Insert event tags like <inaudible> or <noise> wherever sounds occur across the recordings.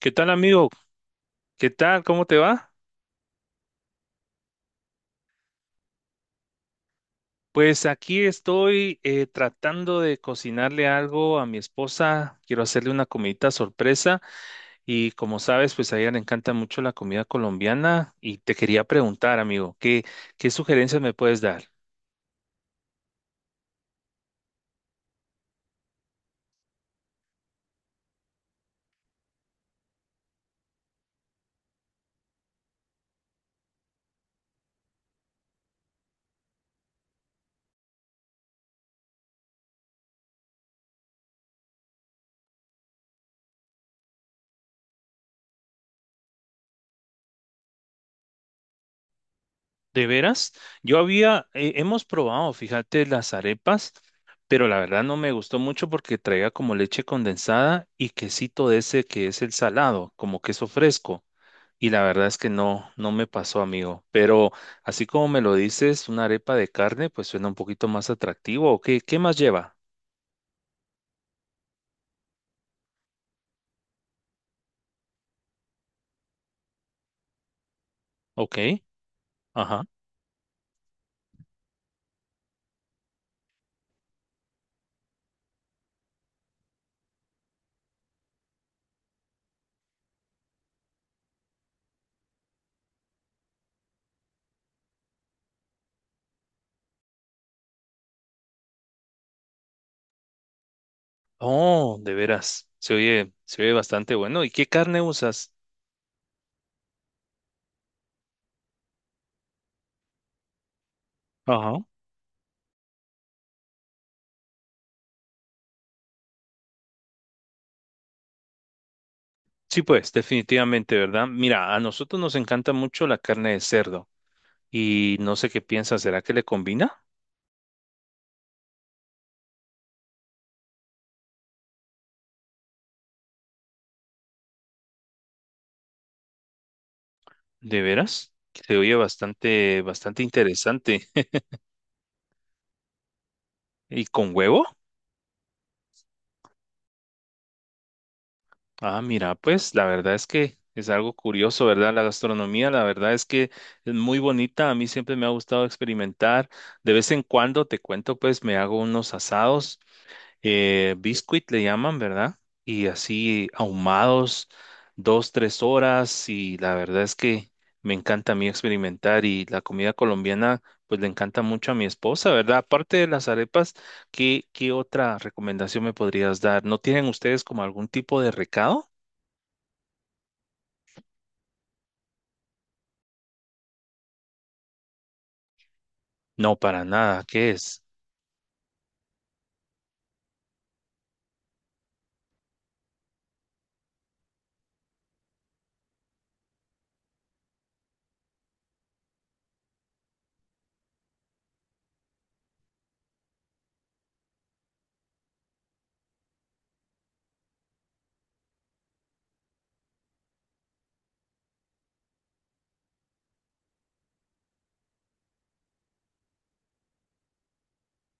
¿Qué tal, amigo? ¿Qué tal? ¿Cómo te va? Pues aquí estoy tratando de cocinarle algo a mi esposa. Quiero hacerle una comidita sorpresa y como sabes, pues a ella le encanta mucho la comida colombiana y te quería preguntar, amigo, ¿qué sugerencias me puedes dar? ¿De veras? Hemos probado, fíjate, las arepas, pero la verdad no me gustó mucho porque traía como leche condensada y quesito de ese que es el salado, como queso fresco. Y la verdad es que no, no me pasó, amigo. Pero así como me lo dices, una arepa de carne, pues suena un poquito más atractivo. ¿O qué, qué más lleva? Ok, ajá. Oh, de veras. Se oye bastante bueno. ¿Y qué carne usas? Ajá. Sí, pues, definitivamente, ¿verdad? Mira, a nosotros nos encanta mucho la carne de cerdo. Y no sé qué piensas, ¿será que le combina? ¿De veras? Se oye bastante, bastante interesante. <laughs> ¿Y con huevo? Ah, mira, pues la verdad es que es algo curioso, ¿verdad? La gastronomía, la verdad es que es muy bonita. A mí siempre me ha gustado experimentar. De vez en cuando, te cuento, pues me hago unos asados, biscuit le llaman, ¿verdad? Y así ahumados, dos, tres horas. Y la verdad es que me encanta a mí experimentar. Y la comida colombiana, pues le encanta mucho a mi esposa, ¿verdad? Aparte de las arepas, ¿qué otra recomendación me podrías dar? ¿No tienen ustedes como algún tipo de recado? No, para nada. ¿Qué es?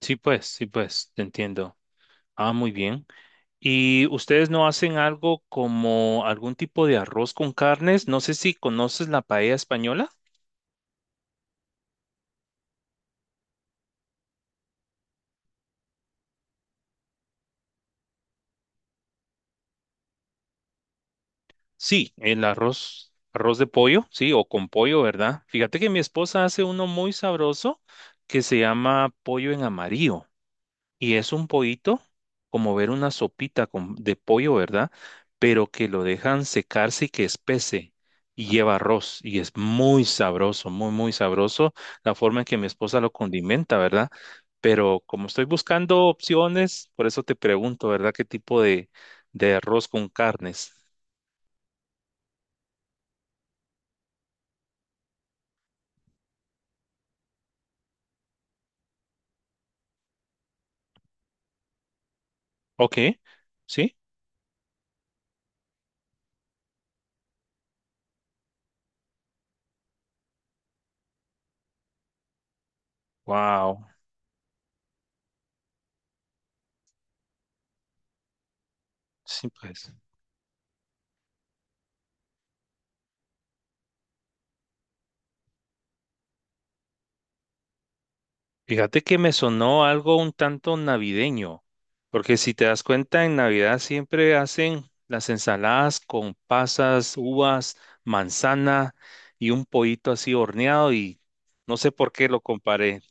Sí, pues, te entiendo. Ah, muy bien. ¿Y ustedes no hacen algo como algún tipo de arroz con carnes? No sé si conoces la paella española. Sí, el arroz, arroz de pollo, sí, o con pollo, ¿verdad? Fíjate que mi esposa hace uno muy sabroso que se llama pollo en amarillo. Y es un pollito, como ver una sopita con- de pollo, ¿verdad? Pero que lo dejan secarse y que espese. Y lleva arroz. Y es muy sabroso, muy, muy sabroso la forma en que mi esposa lo condimenta, ¿verdad? Pero como estoy buscando opciones, por eso te pregunto, ¿verdad? ¿Qué tipo de arroz con carnes? Ok, sí. Wow. Sí, pues. Fíjate que me sonó algo un tanto navideño, porque si te das cuenta, en Navidad siempre hacen las ensaladas con pasas, uvas, manzana y un pollito así horneado y no sé por qué lo comparé.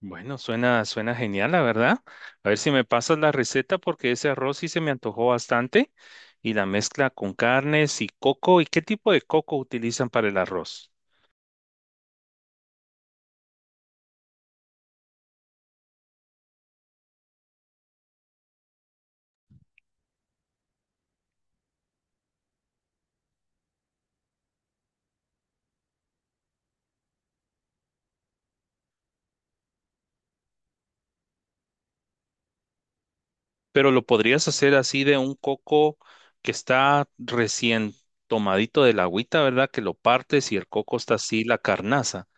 Bueno, suena, suena genial, la verdad. A ver si me pasas la receta porque ese arroz sí se me antojó bastante y la mezcla con carnes y coco. ¿Y qué tipo de coco utilizan para el arroz? Pero lo podrías hacer así de un coco que está recién tomadito de la agüita, ¿verdad? Que lo partes y el coco está así, la carnaza.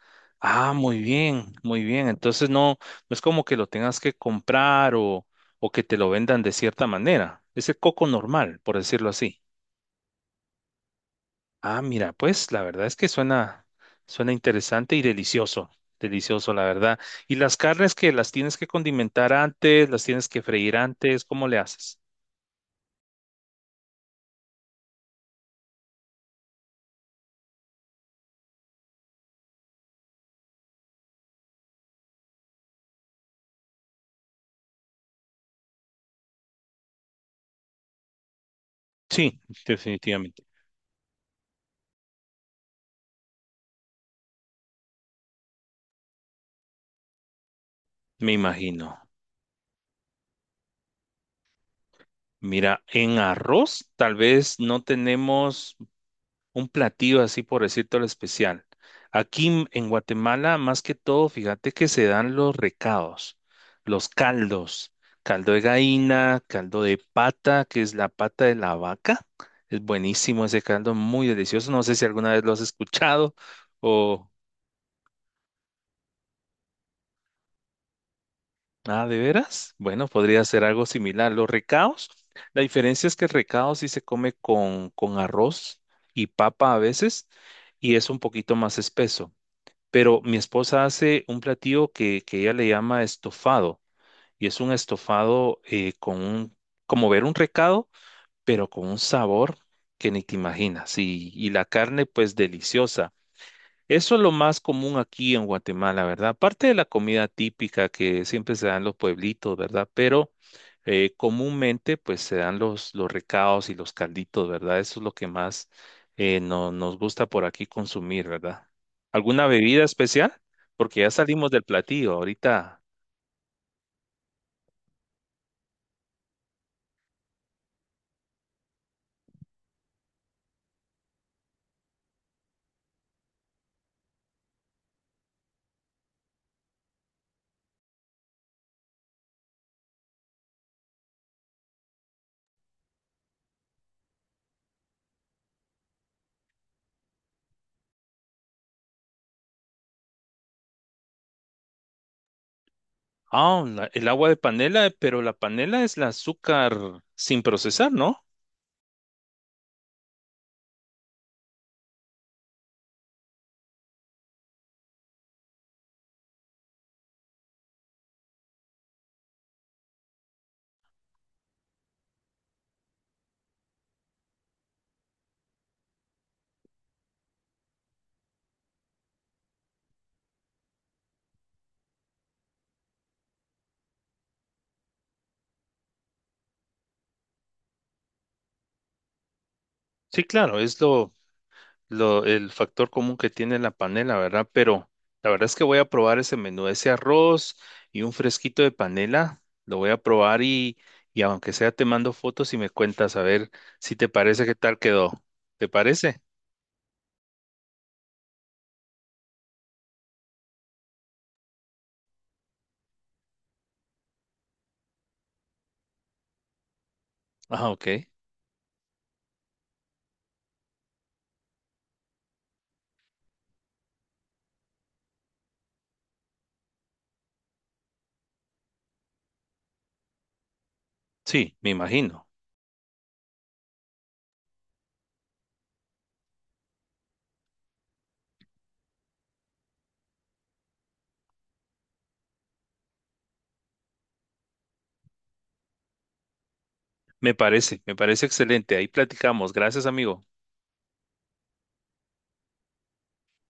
Ah, muy bien, muy bien. Entonces no, no es como que lo tengas que comprar o que te lo vendan de cierta manera. Es el coco normal, por decirlo así. Ah, mira, pues la verdad es que suena, suena interesante y delicioso. Delicioso, la verdad. ¿Y las carnes que las tienes que condimentar antes, las tienes que freír antes? ¿Cómo le haces? Sí, definitivamente. Me imagino. Mira, en arroz tal vez no tenemos un platillo así por decirte lo especial. Aquí en Guatemala, más que todo, fíjate que se dan los recados, los caldos, caldo de gallina, caldo de pata, que es la pata de la vaca. Es buenísimo ese caldo, muy delicioso. No sé si alguna vez lo has escuchado o... Ah, ¿de veras? Bueno, podría ser algo similar. Los recados, la diferencia es que el recado sí se come con arroz y papa a veces y es un poquito más espeso. Pero mi esposa hace un platillo que ella le llama estofado y es un estofado con un, como ver un recado, pero con un sabor que ni te imaginas y la carne pues deliciosa. Eso es lo más común aquí en Guatemala, ¿verdad? Aparte de la comida típica que siempre se dan los pueblitos, ¿verdad? Pero comúnmente pues se dan los recados y los calditos, ¿verdad? Eso es lo que más no- nos gusta por aquí consumir, ¿verdad? ¿Alguna bebida especial? Porque ya salimos del platillo ahorita. Ah, la- el agua de panela, pero la panela es el azúcar sin procesar, ¿no? Sí, claro, es lo, el factor común que tiene la panela, ¿verdad? Pero la verdad es que voy a probar ese menú, ese arroz y un fresquito de panela, lo voy a probar y aunque sea te mando fotos y me cuentas a ver si te parece qué tal quedó. ¿Te parece? Ah, ok. Sí, me imagino. Me parece excelente. Ahí platicamos. Gracias, amigo.